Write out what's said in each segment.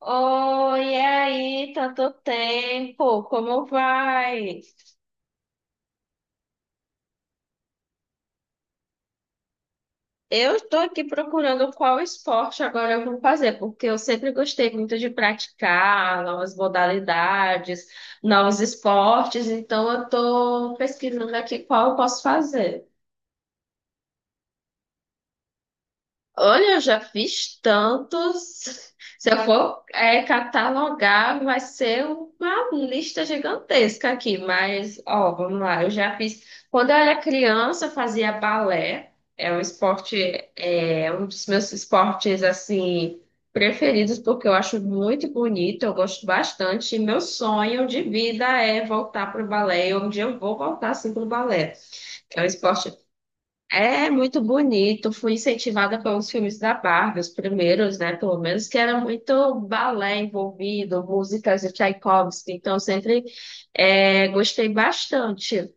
Oi, e aí, tanto tempo, como vai? Eu estou aqui procurando qual esporte agora eu vou fazer, porque eu sempre gostei muito de praticar novas modalidades, novos esportes, então eu estou pesquisando aqui qual eu posso fazer. Olha, eu já fiz tantos. Se eu for catalogar, vai ser uma lista gigantesca aqui. Mas, ó, vamos lá. Eu já fiz. Quando eu era criança, eu fazia balé. É um esporte, é um dos meus esportes, assim, preferidos, porque eu acho muito bonito. Eu gosto bastante. E meu sonho de vida é voltar para o balé. E um dia eu vou voltar, assim, para o balé. É um esporte é muito bonito. Fui incentivada pelos filmes da Barbie, os primeiros, né? Pelo menos, que era muito balé envolvido, músicas de Tchaikovsky. Então, eu sempre gostei bastante.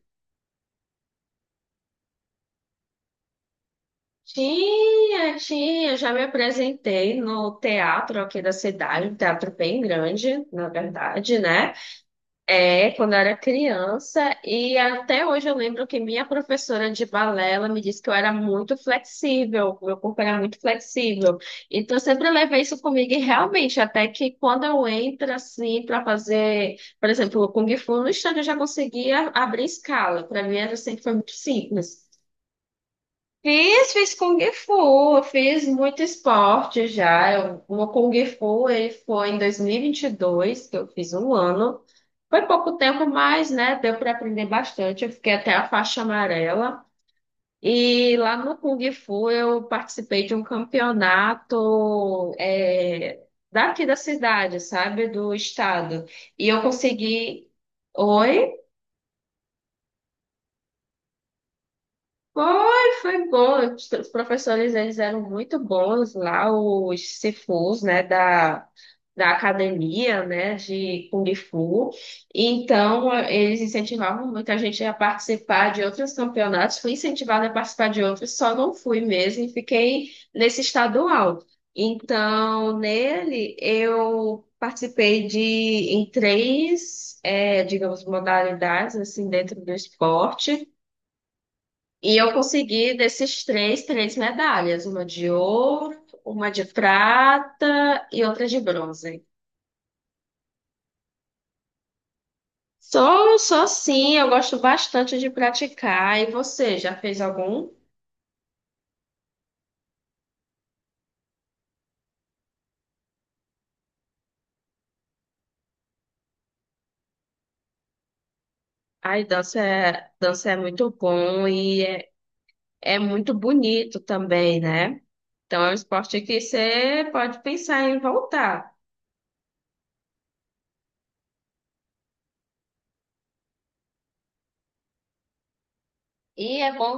Tinha, tinha. Já me apresentei no teatro aqui da cidade, um teatro bem grande, na verdade, né? É, quando eu era criança, e até hoje eu lembro que minha professora de balé, ela me disse que eu era muito flexível, meu corpo era muito flexível. Então, eu sempre levei isso comigo, e realmente, até que quando eu entro assim para fazer, por exemplo, o Kung Fu no estande, eu já conseguia abrir escala. Para mim, era sempre foi muito simples. Fiz, fiz Kung Fu, eu fiz muito esporte já. Uma Kung Fu foi em dois mil e vinte e dois que eu fiz um ano. Foi pouco tempo, mas né, deu para aprender bastante. Eu fiquei até a faixa amarela. E lá no Kung Fu eu participei de um campeonato daqui da cidade, sabe? Do estado. E eu consegui. Oi? Foi, foi bom. Os professores, eles eram muito bons lá, os Sifus, né, da, da academia, né, de Kung Fu. Então, eles incentivavam muito a gente a participar de outros campeonatos. Fui incentivada a participar de outros, só não fui mesmo e fiquei nesse estadual. Então, nele, eu participei de, em três, digamos, modalidades, assim, dentro do esporte. E eu consegui desses três, três medalhas, uma de ouro, uma de prata e outra de bronze. Só, só sim, eu gosto bastante de praticar. E você, já fez algum? Ai, dança é muito bom e é, é muito bonito também, né? Então é um esporte que você pode pensar em voltar. E é bom.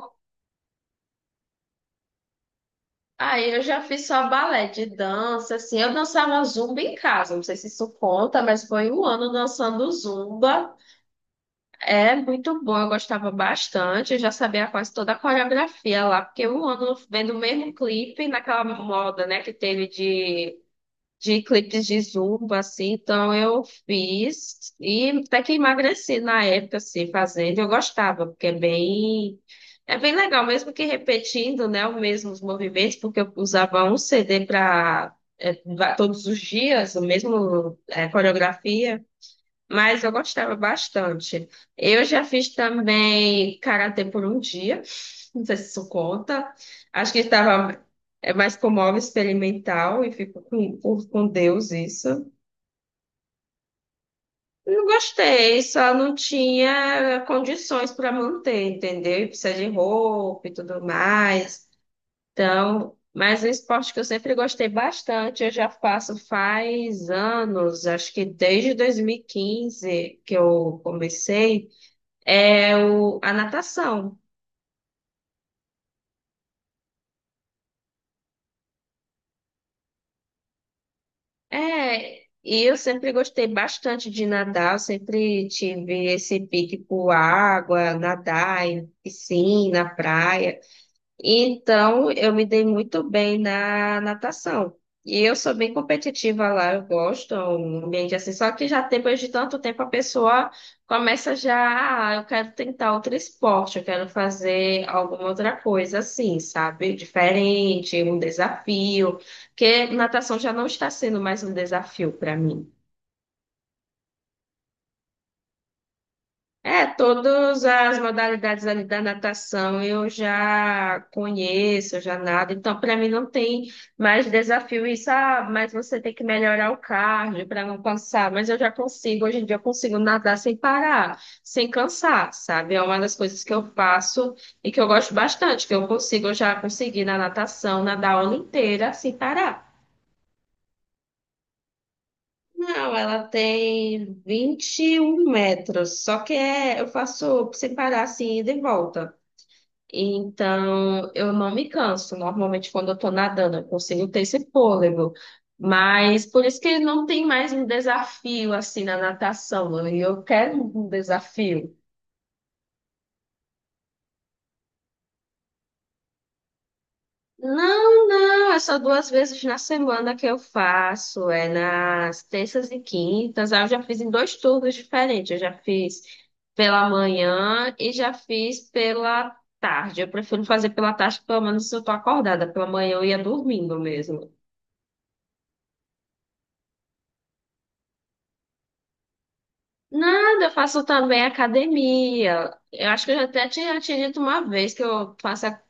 Aí eu já fiz só balé de dança, assim. Eu dançava zumba em casa, não sei se isso conta, mas foi um ano dançando zumba. É muito bom, eu gostava bastante. Eu já sabia quase toda a coreografia lá, porque um ano vendo o mesmo clipe naquela moda, né, que teve de clipes de zumba, assim, então eu fiz e até que emagreci na época, assim, fazendo, eu gostava, porque é bem legal, mesmo que repetindo, né, os mesmos movimentos, porque eu usava um CD para todos os dias, o mesmo coreografia, mas eu gostava bastante. Eu já fiz também karatê por um dia. Não sei se isso conta. Acho que estava é mais como algo experimental e fico com Deus isso. Não gostei, só não tinha condições para manter, entendeu? E precisa de roupa e tudo mais. Então, mas é um esporte que eu sempre gostei bastante, eu já faço faz anos, acho que desde 2015 que eu comecei. É o, a natação. É, e eu sempre gostei bastante de nadar, eu sempre tive esse pique por água, nadar em piscina, praia. Então, eu me dei muito bem na natação. E eu sou bem competitiva lá, eu gosto, é um ambiente assim. Só que já depois de tanto tempo a pessoa começa já, ah, eu quero tentar outro esporte, eu quero fazer alguma outra coisa assim, sabe? Diferente, um desafio. Porque natação já não está sendo mais um desafio para mim. É, todas as modalidades ali da natação eu já conheço, eu já nado, então para mim não tem mais desafio isso, ah, mas você tem que melhorar o cardio para não cansar, mas eu já consigo, hoje em dia eu consigo nadar sem parar, sem cansar, sabe? É uma das coisas que eu faço e que eu gosto bastante, que eu consigo, eu já consegui na natação, nadar a aula inteira sem parar. Não, ela tem 21 metros, só que é, eu faço sem parar assim, ida e volta. Então, eu não me canso. Normalmente, quando eu tô nadando, eu consigo ter esse fôlego. Mas por isso que não tem mais um desafio assim na natação. Né? E eu quero um desafio. Não, não, é só duas vezes na semana que eu faço. É nas terças e quintas. Aí eu já fiz em dois turnos diferentes. Eu já fiz pela manhã e já fiz pela tarde. Eu prefiro fazer pela tarde, pelo menos se eu tô acordada. Pela manhã eu ia dormindo mesmo. Nada, eu faço também academia. Eu acho que eu já até tinha te dito uma vez que eu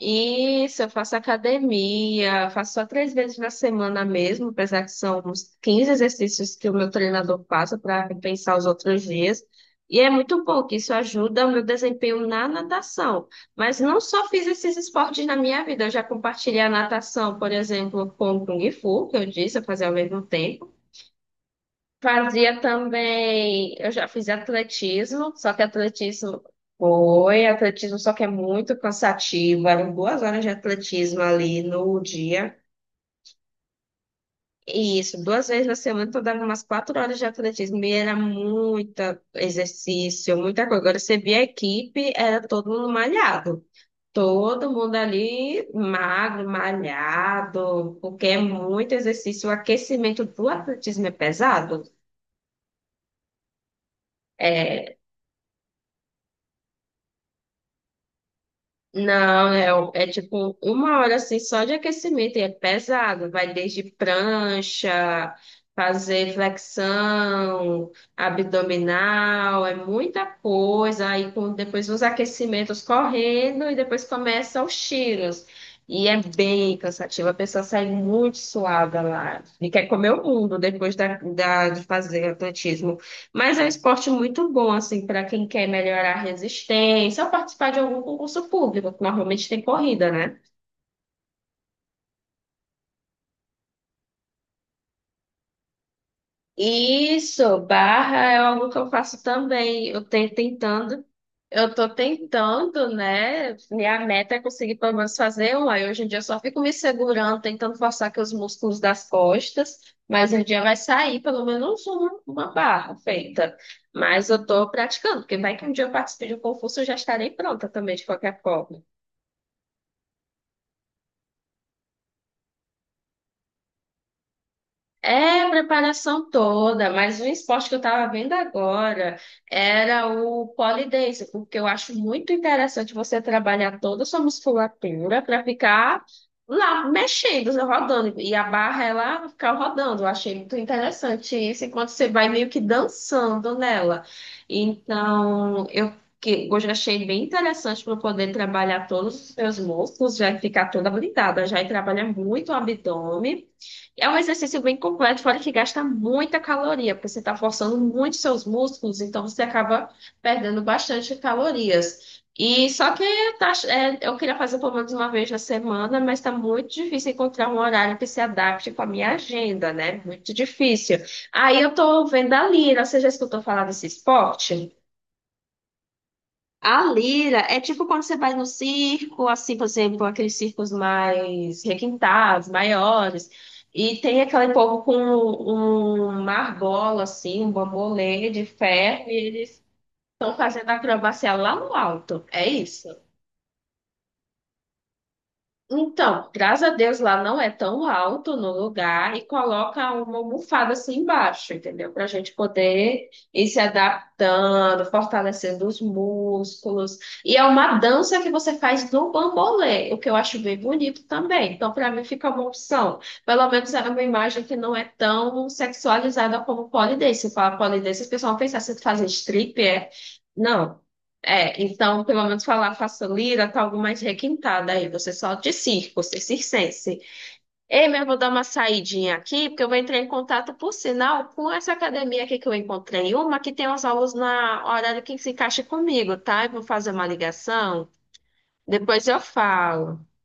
isso, eu faço academia, faço só três vezes na semana mesmo, apesar que são uns 15 exercícios que o meu treinador passa para compensar os outros dias. E é muito bom que isso ajuda o meu desempenho na natação. Mas não só fiz esses esportes na minha vida, eu já compartilhei a natação, por exemplo, com o Kung Fu, que eu disse, eu fazia ao mesmo tempo. Fazia também, eu já fiz atletismo, só que atletismo foi, atletismo só que é muito cansativo, eram 2 horas de atletismo ali no dia. E isso, duas vezes na semana eu dava umas 4 horas de atletismo e era muito exercício, muita coisa. Agora você via a equipe, era todo mundo malhado. Todo mundo ali magro, malhado, porque é muito exercício. O aquecimento do atletismo é pesado. É, não, é tipo uma hora assim só de aquecimento, e é pesado, vai desde prancha, fazer flexão, abdominal, é muita coisa, aí com, depois uns aquecimentos correndo e depois começam os tiros. E é bem cansativo, a pessoa sai muito suada lá e quer comer o mundo depois de fazer atletismo. Mas é um esporte muito bom, assim, para quem quer melhorar a resistência ou participar de algum concurso público, que normalmente tem corrida, né? Isso, barra é algo que eu faço também. Eu tenho tentando, eu tô tentando, né? Minha meta é conseguir pelo menos fazer um. Aí hoje em dia eu só fico me segurando, tentando forçar aqui os músculos das costas, mas um dia vai sair pelo menos uma barra feita. Mas eu tô praticando, porque vai que um dia eu participe de um concurso, eu já estarei pronta também, de qualquer forma. É, a preparação toda, mas um esporte que eu estava vendo agora era o pole dance, porque eu acho muito interessante você trabalhar toda a sua musculatura para ficar lá mexendo, rodando, e a barra ela ficar rodando. Eu achei muito interessante isso, enquanto você vai meio que dançando nela. Então, eu que eu já achei bem interessante para poder trabalhar todos os meus músculos, já ficar toda habilitada, já e trabalha muito o abdômen. É um exercício bem completo, fora que gasta muita caloria, porque você está forçando muito seus músculos, então você acaba perdendo bastante calorias. E só que eu queria fazer pelo menos uma vez na semana, mas está muito difícil encontrar um horário que se adapte com a minha agenda, né? Muito difícil. Aí eu estou vendo a Lira, você já escutou falar desse esporte? A lira é tipo quando você vai no circo, assim, por exemplo, aqueles circos mais requintados, maiores, e tem aquele povo com uma argola, assim, um bambolê de ferro, e eles estão fazendo acrobacia lá no alto. É isso? Então, graças a Deus lá não é tão alto no lugar e coloca uma almofada assim embaixo, entendeu? Para a gente poder ir se adaptando, fortalecendo os músculos. E é uma dança que você faz no bambolê, o que eu acho bem bonito também. Então, para mim, fica uma opção. Pelo menos é uma imagem que não é tão sexualizada como pole dance. Se fala pole dance, o pessoal pensa assim, fazer strip, é. Não. É, então, pelo menos falar faço lira, tá algo mais requintada aí. Você só de circo, você circense. Ei, mas eu vou dar uma saidinha aqui, porque eu vou entrar em contato, por sinal, com essa academia aqui que eu encontrei. Uma que tem as aulas na hora que se encaixa comigo, tá? Eu vou fazer uma ligação, depois eu falo.